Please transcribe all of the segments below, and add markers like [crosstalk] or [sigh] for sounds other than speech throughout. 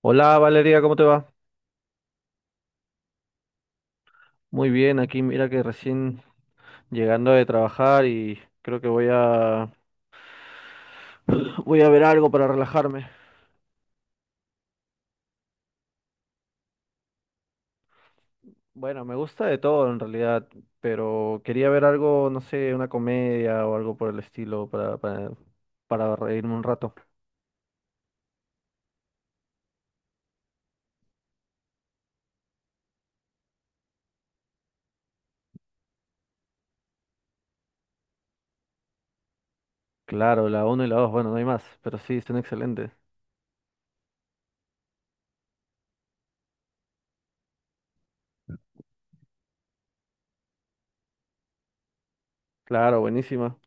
Hola Valeria, ¿cómo te va? Muy bien, aquí mira que recién llegando de trabajar y creo que voy a [clears throat] voy a ver algo para relajarme. Bueno, me gusta de todo en realidad, pero quería ver algo, no sé, una comedia o algo por el estilo para reírme un rato. Claro, la uno y la dos. Bueno, no hay más, pero sí, son excelentes. Claro, buenísima.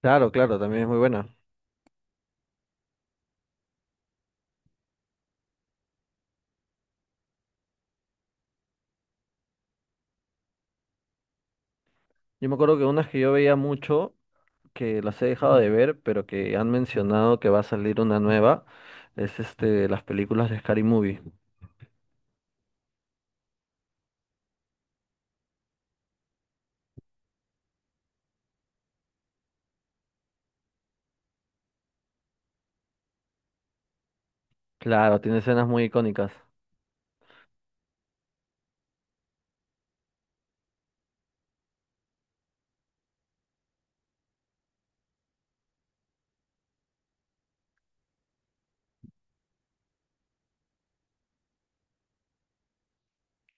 Claro, claro, también es muy buena. Yo me acuerdo que unas que yo veía mucho que las he dejado de ver, pero que han mencionado que va a salir una nueva, es este, las películas de Scary Movie. Claro, tiene escenas muy icónicas.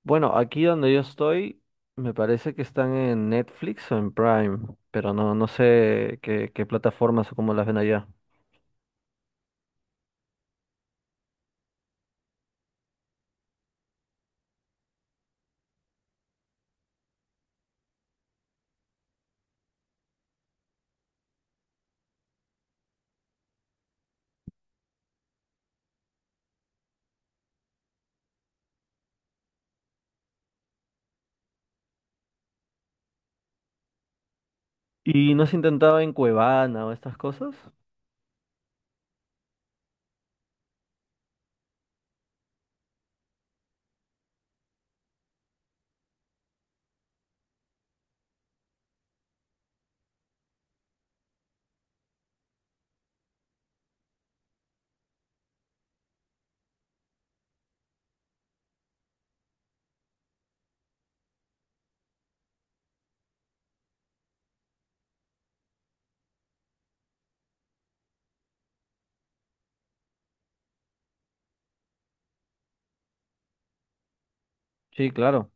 Bueno, aquí donde yo estoy, me parece que están en Netflix o en Prime, pero no sé qué plataformas o cómo las ven allá. ¿Y no has intentado en Cuevana o estas cosas? Sí, claro.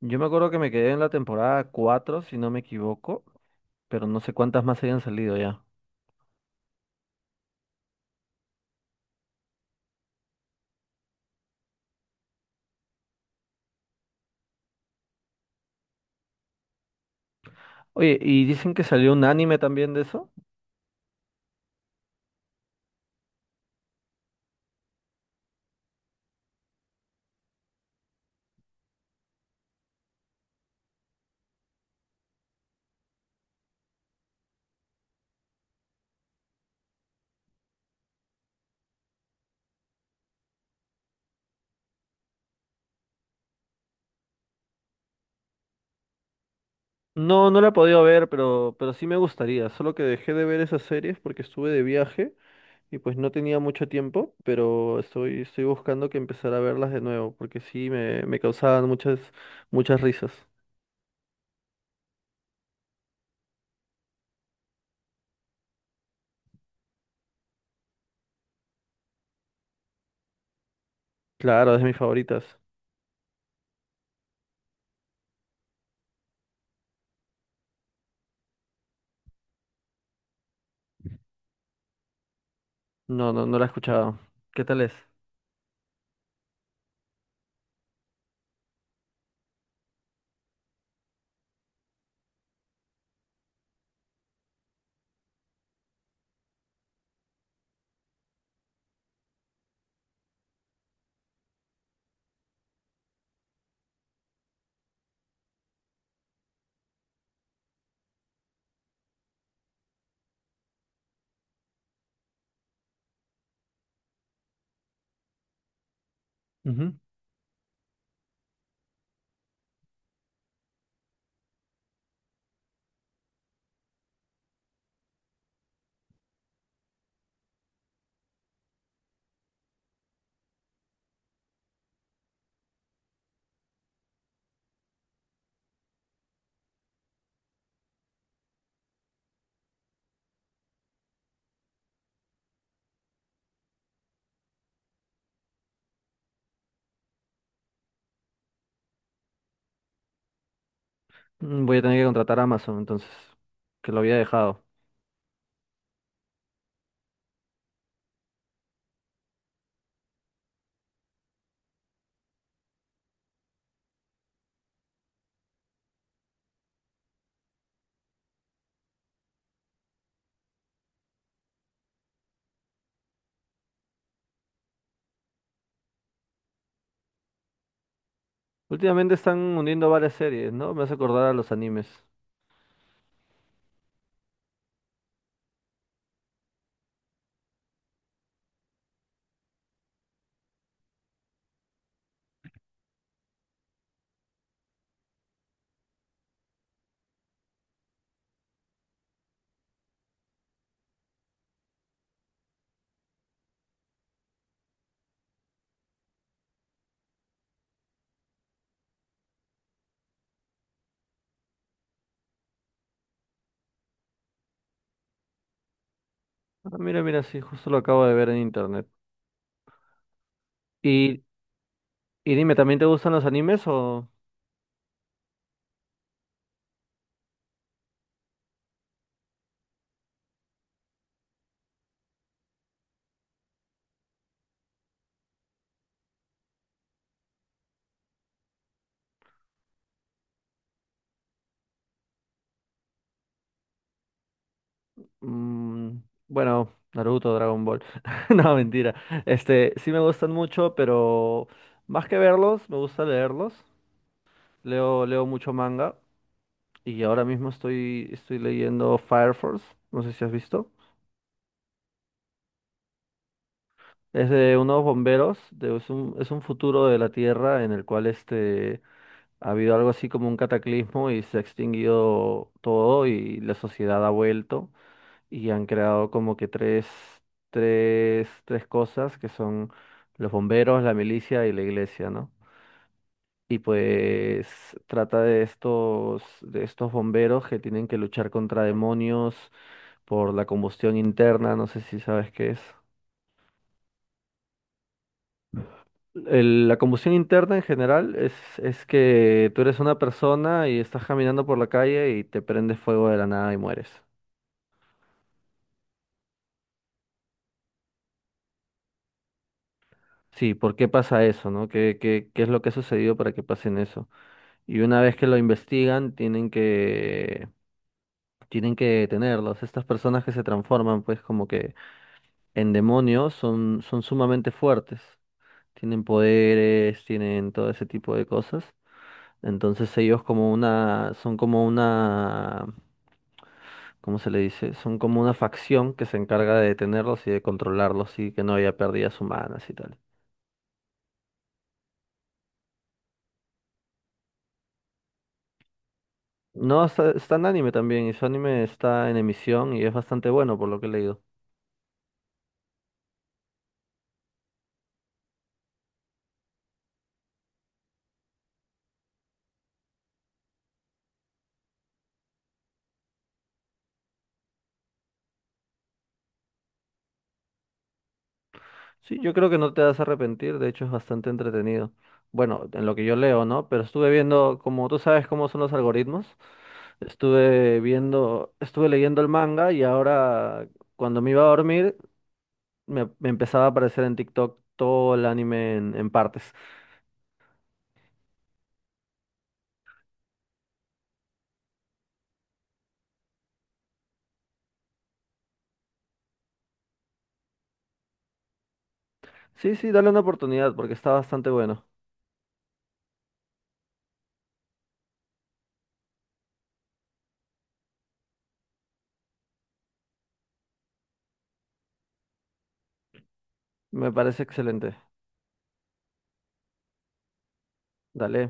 Yo me acuerdo que me quedé en la temporada 4 si no me equivoco, pero no sé cuántas más hayan salido ya. Oye, ¿y dicen que salió un anime también de eso? No, no la he podido ver, pero sí me gustaría. Solo que dejé de ver esas series porque estuve de viaje y pues no tenía mucho tiempo, pero estoy buscando que empezar a verlas de nuevo porque sí me causaban muchas risas. Claro, es de mis favoritas. No, no la he escuchado. ¿Qué tal es? Ujú. Mm, voy a tener que contratar a Amazon entonces, que lo había dejado. Últimamente están uniendo varias series, ¿no? Me hace acordar a los animes. Ah, mira, mira, sí, justo lo acabo de ver en internet. Y, y dime, ¿también te gustan los animes o...? Mm, bueno, Naruto, Dragon Ball. [laughs] No, mentira. Este, sí me gustan mucho, pero más que verlos, me gusta leerlos. Leo mucho manga y ahora mismo estoy leyendo Fire Force. No sé si has visto. Es de unos bomberos, es es un futuro de la Tierra en el cual este, ha habido algo así como un cataclismo y se ha extinguido todo y la sociedad ha vuelto. Y han creado como que tres cosas que son los bomberos, la milicia y la iglesia, ¿no? Y pues trata de de estos bomberos que tienen que luchar contra demonios por la combustión interna, no sé si sabes qué es. La combustión interna en general es que tú eres una persona y estás caminando por la calle y te prendes fuego de la nada y mueres. Sí, ¿por qué pasa eso, no? ¿Qué, qué es lo que ha sucedido para que pasen eso? Y una vez que lo investigan, tienen que detenerlos. Estas personas que se transforman, pues, como que en demonios, son sumamente fuertes. Tienen poderes, tienen todo ese tipo de cosas. Entonces ellos son como una, ¿cómo se le dice? Son como una facción que se encarga de detenerlos y de controlarlos y que no haya pérdidas humanas y tal. No, está en anime también y su anime está en emisión y es bastante bueno por lo que he leído. Sí, yo creo que no te vas a arrepentir, de hecho es bastante entretenido. Bueno, en lo que yo leo, ¿no? Pero estuve viendo, como tú sabes cómo son los algoritmos, estuve leyendo el manga y ahora cuando me iba a dormir me empezaba a aparecer en TikTok todo el anime en partes. Sí, sí, dale una oportunidad porque está bastante bueno. Me parece excelente. Dale.